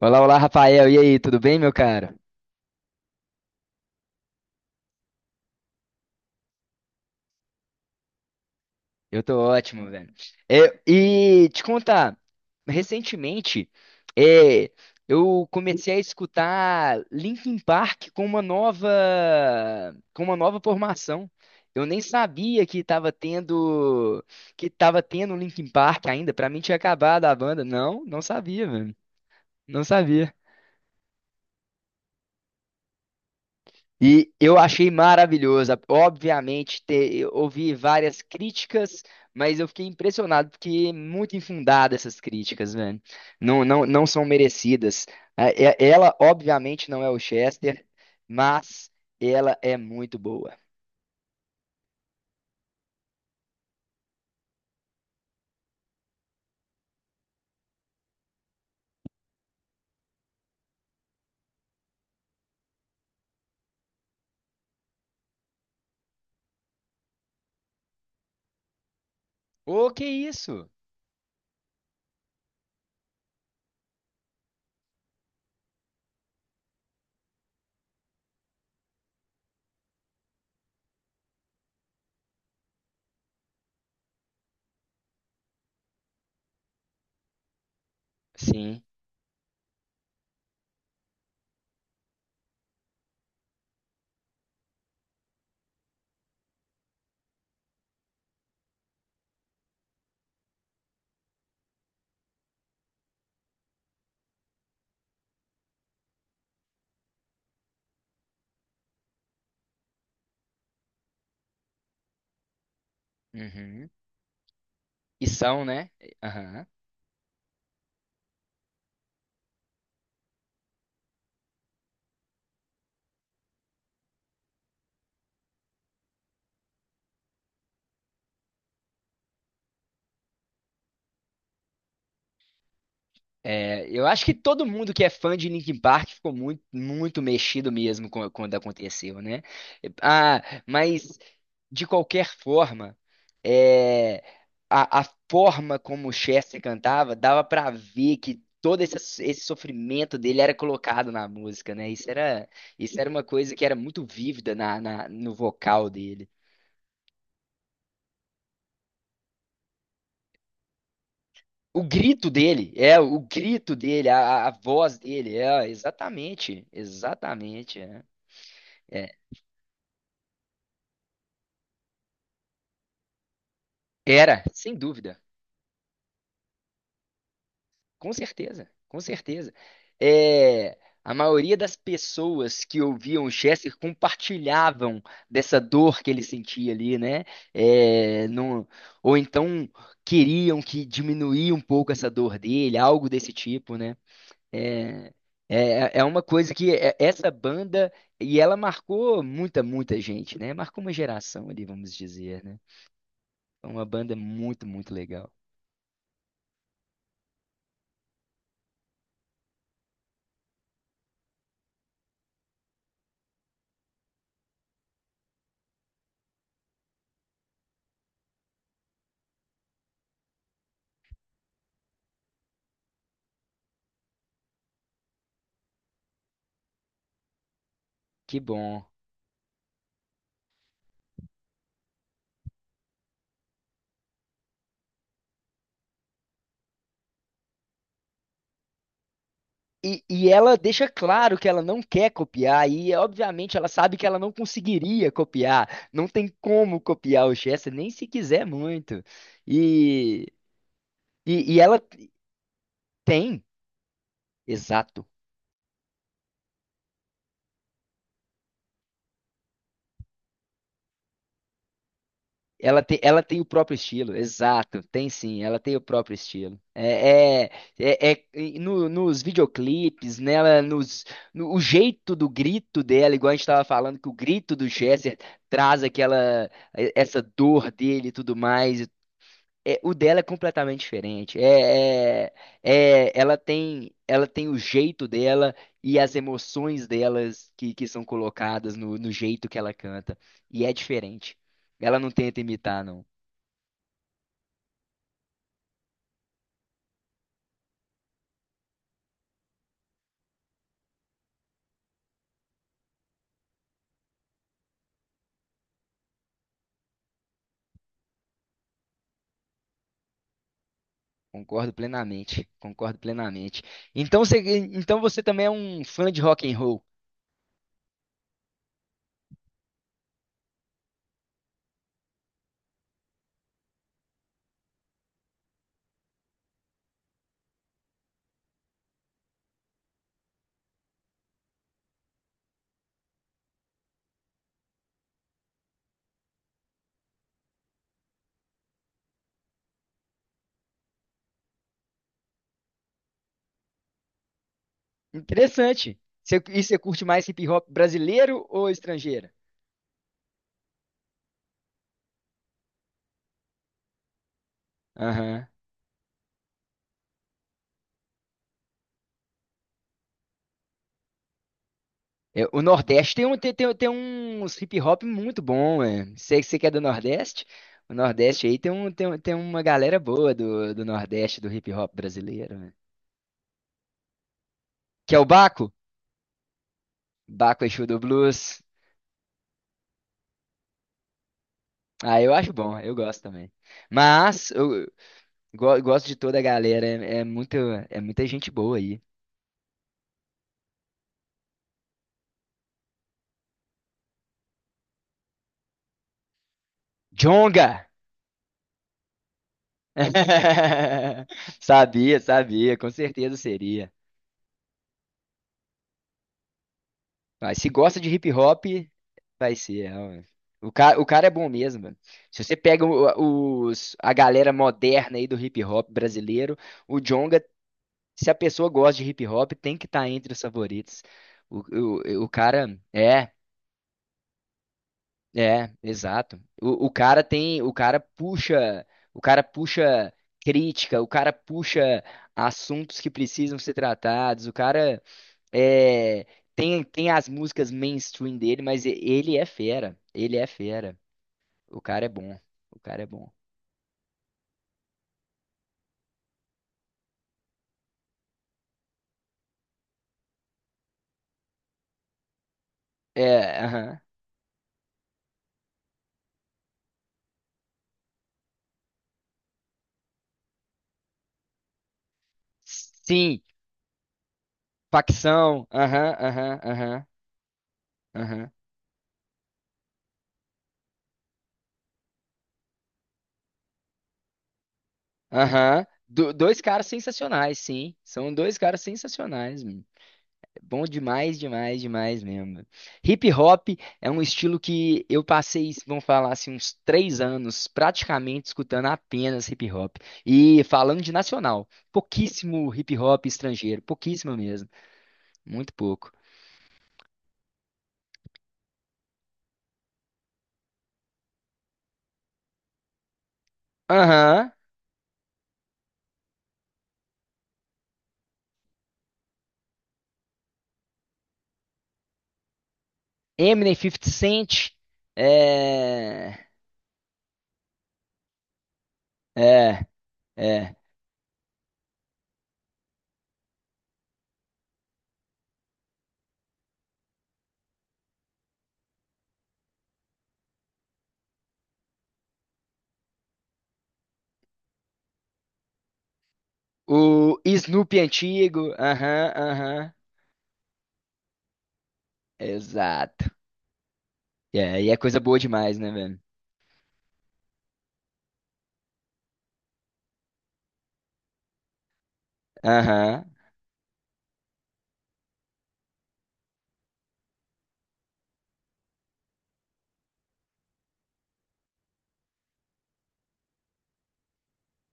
Olá, olá, Rafael. E aí, tudo bem, meu cara? Eu tô ótimo, velho. E te contar, recentemente, é, eu comecei a escutar Linkin Park com uma nova formação. Eu nem sabia que tava tendo Linkin Park ainda. Pra mim tinha acabado a banda. Não, não sabia, velho. Não sabia. E eu achei maravilhosa. Obviamente, eu ouvi várias críticas, mas eu fiquei impressionado, porque é muito infundada essas críticas, velho. Não, não, não são merecidas. Ela, obviamente, não é o Chester, mas ela é muito boa. Ô, que isso? Sim. Uhum. E são, né? Aham. É, eu acho que todo mundo que é fã de Linkin Park ficou muito, muito mexido mesmo quando aconteceu, né? Ah, mas de qualquer forma, é, a forma como o Chester cantava dava pra ver que todo esse sofrimento dele era colocado na música, né? Isso era uma coisa que era muito vívida no vocal dele. O grito dele, a voz dele, exatamente, exatamente, é. É, era, sem dúvida, com certeza, com certeza. É, a maioria das pessoas que ouviam o Chester compartilhavam dessa dor que ele sentia ali, né? É, ou então queriam que diminuía um pouco essa dor dele, algo desse tipo, né? É, é uma coisa essa banda, e ela marcou muita, muita gente, né? Marcou uma geração ali, vamos dizer, né? É uma banda muito, muito legal. Que bom. E ela deixa claro que ela não quer copiar, e obviamente ela sabe que ela não conseguiria copiar, não tem como copiar o Chester, nem se quiser muito. E, e ela tem, exato, ela tem o próprio estilo, exato, tem sim, ela tem o próprio estilo. E nos videoclipes, nela, nos, no, o jeito do grito dela, igual a gente estava falando, que o grito do Chester traz aquela, essa dor dele e tudo mais. É, o dela é completamente diferente. Ela tem o jeito dela e as emoções delas que são colocadas no jeito que ela canta. E é diferente. Ela não tenta imitar, não. Concordo plenamente. Concordo plenamente. Então você, então você também é um fã de rock and roll. Interessante. Você curte mais hip hop brasileiro ou estrangeiro? É, o Nordeste tem, um, tem, tem, tem uns hip hop muito bom, é. Você que é do Nordeste? O Nordeste aí tem uma galera boa do Nordeste, do hip hop brasileiro, né? Que é o Baco? Baco Exu do Blues. Ah, eu acho bom, eu gosto também. Mas eu gosto de toda a galera, é muita gente boa aí. Jonga. Sabia, sabia, com certeza seria. Vai, se gosta de hip hop, vai ser. É, ó, o cara é bom mesmo, mano. Se você pega a galera moderna aí do hip hop brasileiro, o Djonga, se a pessoa gosta de hip hop, tem que estar entre os favoritos. O cara é, exato. O cara tem, o cara puxa crítica, o cara puxa assuntos que precisam ser tratados. O cara é, tem as músicas mainstream dele, mas ele é fera. Ele é fera. O cara é bom. O cara é bom. É, aham. Sim, facção. Aham, aham, aham, aham, aham. Dois caras sensacionais, sim. São dois caras sensacionais. Bom demais, demais, demais mesmo. Hip hop é um estilo que eu passei, vamos falar assim, uns 3 anos praticamente escutando apenas hip hop. E falando de nacional, pouquíssimo hip hop estrangeiro, pouquíssimo mesmo, muito pouco. Aham, Eminem 50 Cent, é. É, é. O Snoop antigo, aham, aham, exato. É, e é coisa boa demais, né, velho? Aham.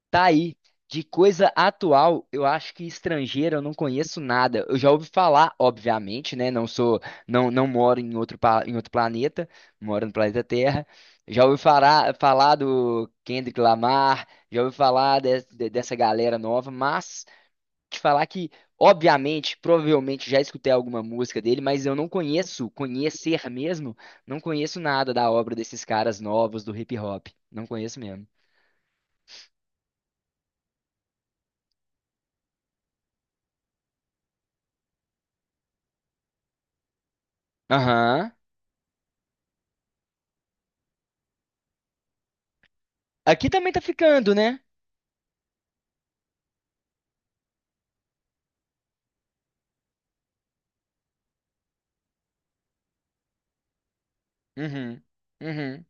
Tá aí. De coisa atual, eu acho que estrangeira eu não conheço nada. Eu já ouvi falar, obviamente, né? Não, não moro em outro planeta, moro no planeta Terra. Já ouvi falar do Kendrick Lamar, já ouvi falar dessa galera nova, mas te falar que, obviamente, provavelmente já escutei alguma música dele, mas eu não conheço, conhecer mesmo, não conheço nada da obra desses caras novos do hip hop. Não conheço mesmo. Aham. Aqui também tá ficando, né? Uhum. Uhum.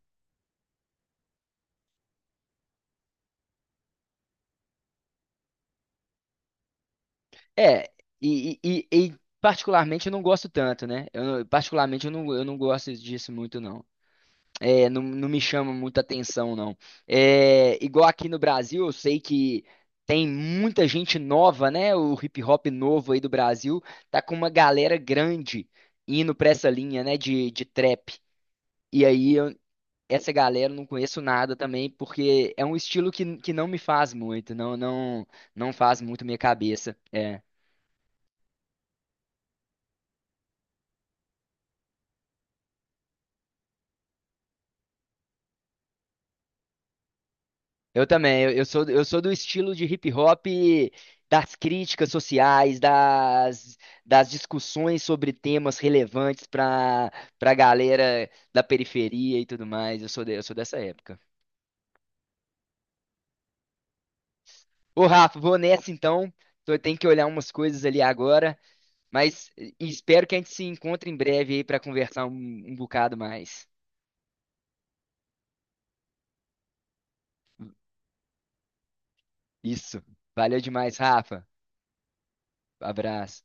É, e particularmente eu não gosto tanto, né? Eu, não- Particularmente eu não gosto disso muito, não. É, não, não me chama muita atenção, não. É, igual aqui no Brasil, eu sei que tem muita gente nova, né? O hip hop novo aí do Brasil tá com uma galera grande indo pra essa linha, né? De trap. E aí eu, essa galera eu não conheço nada também, porque é um estilo que não me faz muito, não faz muito minha cabeça. É. Eu também, eu sou do estilo de hip hop das críticas sociais, das discussões sobre temas relevantes para galera da periferia e tudo mais. Eu sou dessa época. Ô, Rafa, vou nessa então. Eu tenho que olhar umas coisas ali agora, mas e espero que a gente se encontre em breve aí para conversar um bocado mais. Isso. Valeu demais, Rafa. Abraço.